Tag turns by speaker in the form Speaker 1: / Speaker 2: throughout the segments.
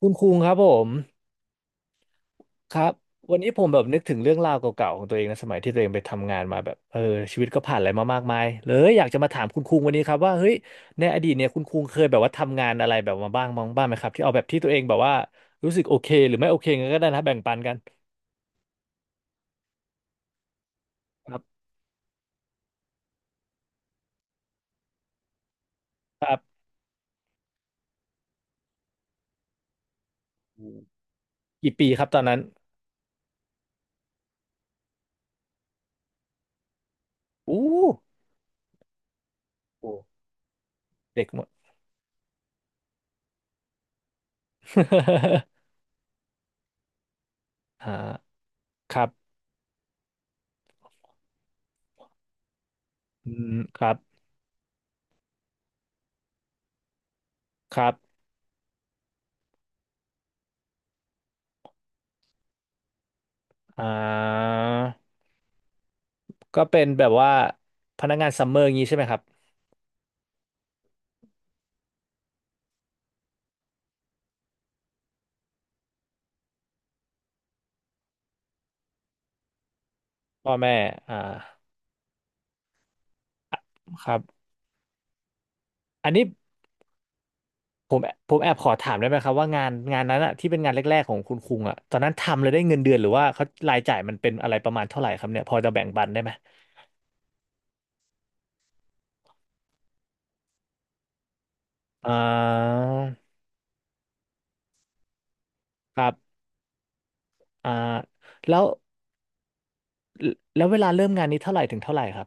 Speaker 1: คุณคุงครับผมครับวันนี้ผมแบบนึกถึงเรื่องราวเก่าๆของตัวเองนะสมัยที่ตัวเองไปทำงานมาแบบชีวิตก็ผ่านอะไรมามากมายเลยอยากจะมาถามคุณคุงวันนี้ครับว่าเฮ้ยในอดีตเนี่ยคุณคุงเคยแบบว่าทำงานอะไรแบบมาบ้างไหมครับที่เอาแบบที่ตัวเองแบบว่ารู้สึกโอเคหรือไม่โอเคงั้นก็ได้นะแบ่งปันกันครับครับอืมกี่ปีครับตอนนั้นอู้โอ้เด็กหมด อ่าครับอืมครับครับอ่า ก็เป็นแบบว่าพนักงานซัมเมอร์อย่างงี้ใช่ไหมครับพ่อแม่อ่าอ่ะครับอันนี้ผมผมแอบขอถามได้ไหมครับว่างานงานนั้นอะที่เป็นงานแรกๆของคุณคุงอะตอนนั้นทำเลยได้เงินเดือนหรือว่าเขารายจ่ายมันเป็นอะไรประมาณเท่าไหร่ครับเนี่ยพอจะแบ่งปันได้ไหมอ่าครับอ่าแล้วแล้วเวลาเริ่มงานนี้เท่าไหร่ถึงเท่าไหร่ครับ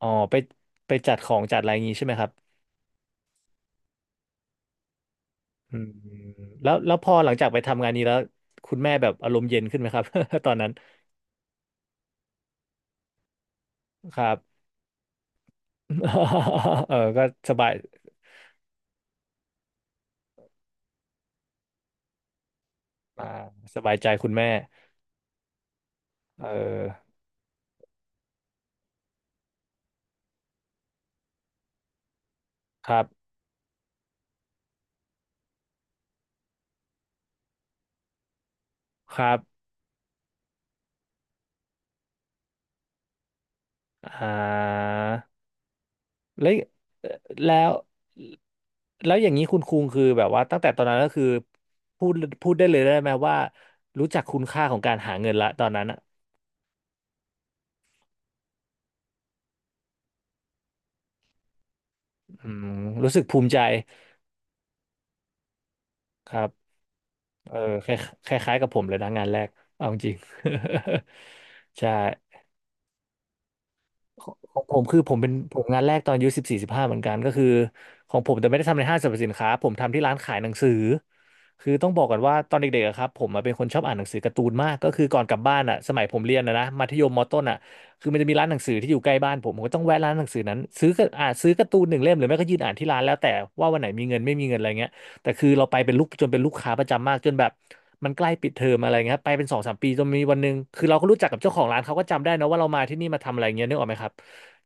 Speaker 1: อ๋อไปจัดของจัดอะไรอย่างงี้ใช่ไหมครับอืมแล้วพอหลังจากไปทำงานนี้แล้วคุณแม่แบบอารมณ์เย็นขึ้นไหมครับ ตอนนั้นครับ เออก็สบายอ่าสบายใจคุณแม่เออครับ ครับอ่าแล้วอแล้วแล้วอย่างนี้คุณคุงคือแบบว่าตั้งแต่ตอนนั้นก็คือ พูดพูดได้เลยได้ไหมว่า รู้จักคุณค่าของการหาเงินละตอนนั้นอ่ะอืมรู้สึกภูมิใจ ครับเออคลคล้ายๆกับผมเลยนะงานแรกเอาจริง ใช่ ของผมคือผมงานแรกตอนอายุ14 15เหมือนกันก็คือของผมแต่ไม่ได้ทำในห้างสรรพสินค้าผมทำที่ร้านขายหนังสือคือต้องบอกก่อนว่าตอนเด็กๆอะครับผมอะเป็นคนชอบอ่านหนังสือการ์ตูนมากก็คือก่อนกลับบ้านอ่ะสมัยผมเรียนนะมัธยมมต้นอ่ะคือมันจะมีร้านหนังสือที่อยู่ใกล้บ้านผมผมก็ต้องแวะร้านหนังสือนั้นซื้อก็อ่านซื้อการ์ตูนหนึ่งเล่มหรือไม่ก็ยืนอ่านที่ร้านแล้วแต่ว่าวันไหนมีเงินไม่มีเงินอะไรเงี้ย แต่คือเราไปเป็นลูกจนเป็นลูกค้าประจำมากจนแบบมันใกล้ปิดเทอมอะไรเงี้ยไปเป็นสองสามปีจนมีวันหนึ่งคือเราก็รู้จักกับเจ้าของร้านเขาก็จำได้นะว่าเรามาที่นี่มาทำอะไรเงี้ยนึกออกไหมครับ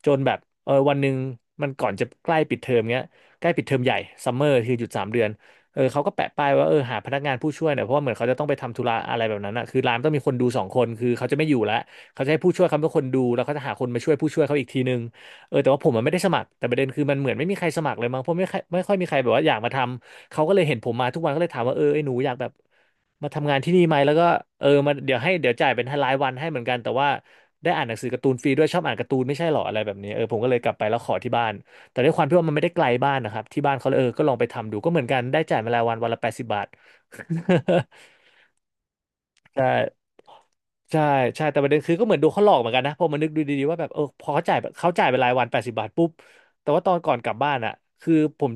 Speaker 1: จนแบบเออวันหนึ่งมันก่อนจะใกล้ปิดเทอมเงี้ยใกล้ปิดเทอมใหญ่ซัมเมอร์คือหยุด3 เดือนเออเขาก็แปะป้ายว่าเออหาพนักงานผู้ช่วยหน่อยเพราะว่าเหมือนเขาจะต้องไปทำธุระอะไรแบบนั้นอ่ะคือร้านต้องมีคนดูสองคนคือเขาจะไม่อยู่แล้วเขาจะให้ผู้ช่วยเขาเป็นคนดูแล้วเขาจะหาคนมาช่วยผู้ช่วยเขาอีกทีนึงเออแต่ว่าผมมันไม่ได้สมัครแต่ประเด็นคือมันเหมือนไม่มีใครสมัครเลยมั้งเพราะไม่ค่อยมีใครแบบว่าอยากมาทำ เขาก็เลยเห็นผมมาทุกวันก็เลยถามว่าเออไอ้หนูอยากแบบมาทำงานที่นี่ไหมแล้วก็เออมาเดี๋ยวให้เดี๋ยวจ่ายเป็นรายวันให้เหมือนกันแต่ว่าได้อ่านหนังสือการ์ตูนฟรีด้วยชอบอ่านการ์ตูนไม่ใช่หรออะไรแบบนี้เออผมก็เลยกลับไปแล้วขอที่บ้านแต่ด้วยความที่ว่ามันไม่ได้ไกลบ้านนะครับที่บ้านเขาเลยเออก็ลองไปทำดูก็เหมือนกันได้จ่ายมารายวันวันละแปดสิบบาท ใช่ ใช่ใช่แต่ประเด็นคือก็เหมือนโดนเขาหลอกเหมือนกันนะพอมานึกดูดีๆว่าแบบเออพอเขาจ่ายไปรายวันแปดสิบบาทปุ๊บแต่ว่าตอนก่อนกลับบ้านอ่ะคือผม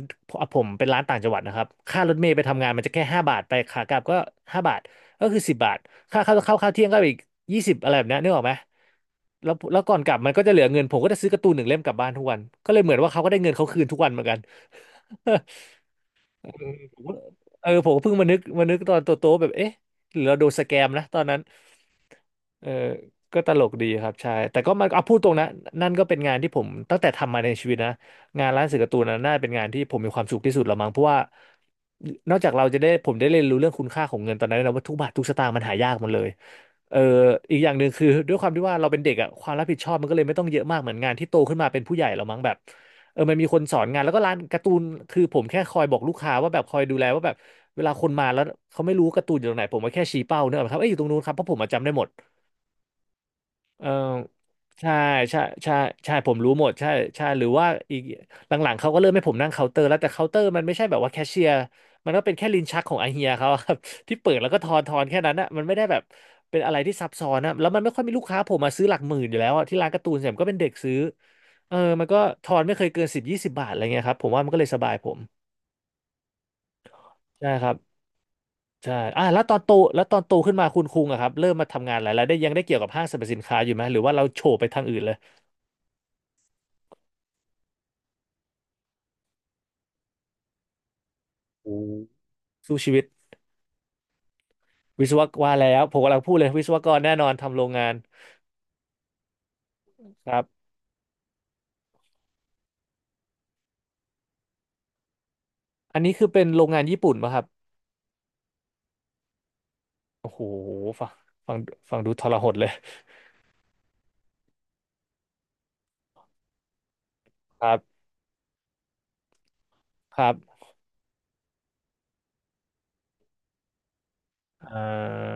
Speaker 1: ผมเป็นร้านต่างจังหวัดนะครับค่ารถเมล์ไปทำงานมันจะแค่ห้าบาทไปขากลับก็ห้าบาทก็คือสิบบาทค่าข้าวเที่ยงก็อีก20อะไรแบบเนี้ยนึกออกไหมแล้วก่อนกลับมันก็จะเหลือเงินผมก็จะซื้อการ์ตูนหนึ่งเล่มกลับบ้านทุกวันก็เลยเหมือนว่าเขาก็ได้เงินเขาคืนทุกวันเหมือนกัน ผมก็เออผมก็เพิ่งมานึกตอนโตๆแบบเอ๊ะหรือเราโดนสแกมนะตอนนั้น เออก็ตลกดีครับใช่แต่ก็มันเอาพูดตรงนะนั่นก็เป็นงานที่ผมตั้งแต่ทำมาในชีวิตนะงานร้านสื่อการ์ตูนนะน่าเป็นงานที่ผมมีความสุขที่สุดละมั้งเพราะว่านอกจากเราจะได้ผมได้เรียนรู้เรื่องคุณค่าของเงินตอนนั้นนะว่าทุกบาททุกสตางค์มันหายากหมดเลยเอออีกอย่างหนึ่งคือด้วยความที่ว่าเราเป็นเด็กอะความรับผิดชอบมันก็เลยไม่ต้องเยอะมากเหมือนงานที่โตขึ้นมาเป็นผู้ใหญ่แล้วมั้งแบบเออมันมีคนสอนงานแล้วก็ร้านการ์ตูนคือผมแค่คอยบอกลูกค้าว่าแบบคอยดูแลว่าแบบเวลาคนมาแล้วเขาไม่รู้การ์ตูนอยู่ตรงไหนผมก็แค่ชี้เป้าเนกอะครับเอ้ยอยู่ตรงนู้นครับเพราะผมอะจำได้หมด เออใช่ใช่ใช่ใช่ผมรู้หมดใช่ใช่หรือว่าอีกหลังๆเขาก็เริ่มให้ผมนั่งเคาน์เตอร์แล้วแต่เคาน์เตอร์มันไม่ใช่แบบว่าแคชเชียร์มันก็เป็นแค่ลิ้นชักของไอเฮียเขาอะ ครับ ที่เปิดแล้วก็ทอนแค่นั้นอะมันไม่ได้แบบเป็นอะไรที่ซับซ้อนนะแล้วมันไม่ค่อยมีลูกค้าผมมาซื้อหลักหมื่นอยู่แล้วอะที่ร้านการ์ตูนเนี่ยผมก็เป็นเด็กซื้อเออมันก็ทอนไม่เคยเกินสิบยี่สิบบาทอะไรเงี้ยครับผมว่ามันก็เลยสบายผมใช่ครับใช่อ่ะแล้วตอนโตแล้วตอนโตขึ้นมาคุณคุงอะครับเริ่มมาทำงานอะไรแล้วได้ยังได้เกี่ยวกับห้างสรรพสินค้าอยู่ไหมหรือว่าเราโฉบไปทางอื่นเลย สู้ชีวิตวิศวกรว่าแล้วผมกำลังพูดเลยวิศวกรแน่นอนทำโรงงานครับอันนี้คือเป็นโรงงานญี่ปุ่นป่ะครับโอ้โหฟังฟังฟังดูทรหดเลยครับครับเอ่อ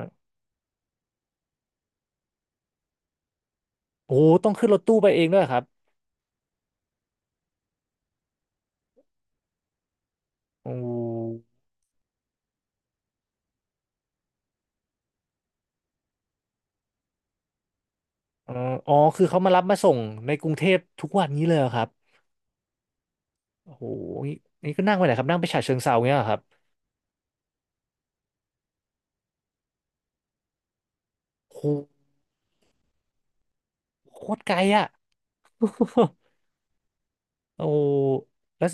Speaker 1: โอ้ต้องขึ้นรถตู้ไปเองด้วยเหรอครับโอ้เอ่ออ๋อคือเขามารับมาส่งในกรุงเทพทุกวันนี้เลยเหรอครับโอ้โหนี่นี่ก็นั่งไปไหนครับนั่งไปฉะเชิงเทราเงี้ยเหรอครับโอ้โหโคตรไกลอ่ะ โอ้โหแล้ว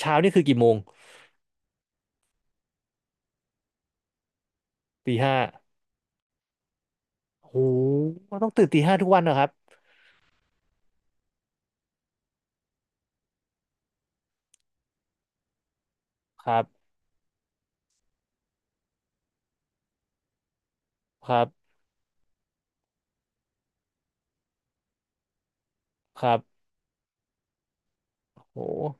Speaker 1: เช้านี่คือกี่โมงตีห้าโอ้โหต้องตื่นตีห้าทุกวันเหรอครับครับ ครับครับโห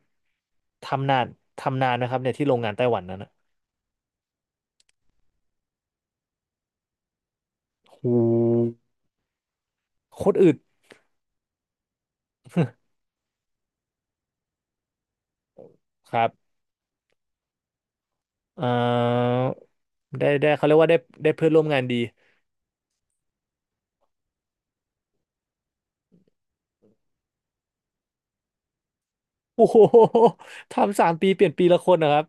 Speaker 1: ทำนานทำนานนะครับเนี่ยที่โรงงานไต้หวันนั้นนะโหโคตรอึดครับเอ่อได้เขาเรียกว่าได้ได้เพื่อนร่วมงานดีโอ้โหทำ3 ปีเปลี่ยนปีละคนนะครับ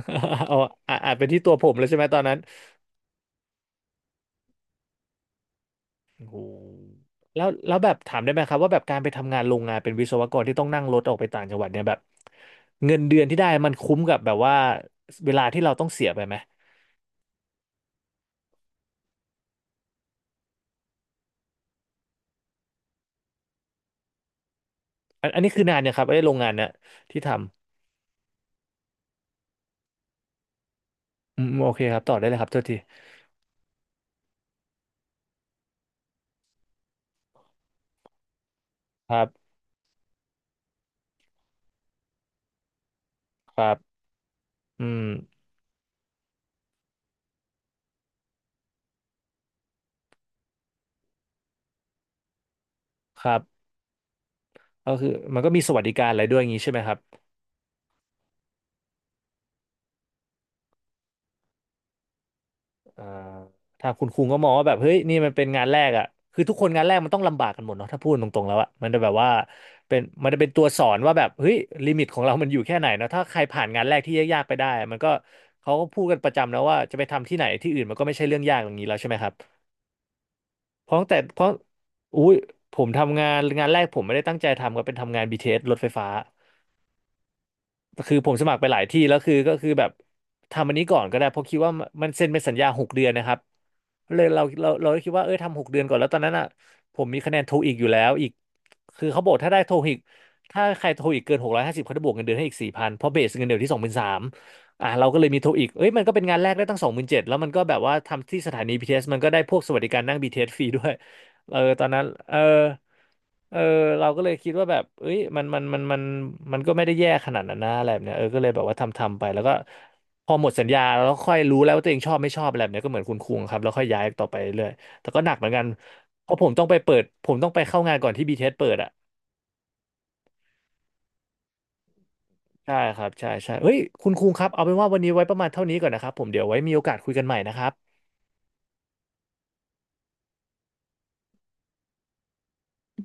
Speaker 1: เอาอ่ะอาจเป็นที่ตัวผมเลยใช่ไหมตอนนั้นโอ้โหแล้วแบบถามได้ไหมครับว่าแบบการไปทำงานโรงงานเป็นวิศวกรที่ต้องนั่งรถออกไปต่างจังหวัดเนี่ยแบบเงินเดือนที่ได้มันคุ้มกับแบบว่าเวลาที่เราต้องเสียไปไหม อันนี้คือนานเนี่ยครับไอ้โรงงานเนี่ยที่ทำอืมโอเคครับต่อได้เลยครับโทษทีครับครับอืมครับก็คือมันก็มีสวัสดิการอะไรด้วยอย่างนี้ใช่ไหมครับอ่าทางคุณคุงก็มองว่าแบบเฮ้ยนี่มันเป็นงานแรกอ่ะคือทุกคนงานแรกมันต้องลำบากกันหมดเนาะถ้าพูดตรงๆแล้วอ่ะมันจะแบบว่าเป็นมันจะเป็นตัวสอนว่าแบบเฮ้ยลิมิตของเรามันอยู่แค่ไหนเนาะถ้าใครผ่านงานแรกที่ยากๆไปได้มันก็เขาก็พูดกันประจำแล้วว่าจะไปทำที่ไหนที่อื่นมันก็ไม่ใช่เรื่องยากอย่างนี้แล้วใช่ไหมครับ เพราะอุ้ยผมทำงานงานแรกผมไม่ได้ตั้งใจทำก็เป็นทำงาน BTS รถไฟฟ้า คือผมสมัครไปหลายที่แล้วคือก็คือแบบทำอันนี้ก่อนก็ได้เพราะคิดว่ามันเซ็นเป็นสัญญาหกเดือนนะครับเลยเราก็คิดว่าเออทำหกเดือนก่อนแล้วตอนนั้นอ่ะผมมีคะแนนโทอีกอยู่แล้วอีกคือเขาบอกถ้าได้โทอีกถ้าใครโทอีกเกิน650เขาจะบวกเงินเดือนให้อีก4,000เพราะเบสเงินเดือนที่23,000อ่ะเราก็เลยมีโทอีกเอ้ยมันก็เป็นงานแรกได้ตั้ง27,000แล้วมันก็แบบว่าทำที่สถานี BTS มันก็ได้พวกสวัสดิการนั่ง BTS ฟรีด้วยเออตอนนั้นเออ เออเราก็เลยคิดว่าแบบเอ้ยมันมันก็ไม่ได้แย่ขนาดนั้นนะอะไรแบบเนี้ยเออก็เลยแบบว่าทำไปแล้วก็พอหมดสัญญาแล้วค่อยรู้แล้วว่าตัวเองชอบไม่ชอบอะไรแบบเนี้ยก็เหมือนคุณคุงครับแล้วค่อยย้ายต่อไปเรื่อยแต่ก็หนักเหมือนกันเพราะผมต้องไปเปิดผมต้องไปเข้างานก่อนที่บีทีเ t สเปิดอ่ะใช่ครับใช่ใช่เฮ้ยคุณคุงครับเอาเป็นว่าวันนี้ไว้ประมาณเท่านี้ก่อนนะครับผมเดี๋ยวไว้มีโอกาสคุยกันใหม่นะครับ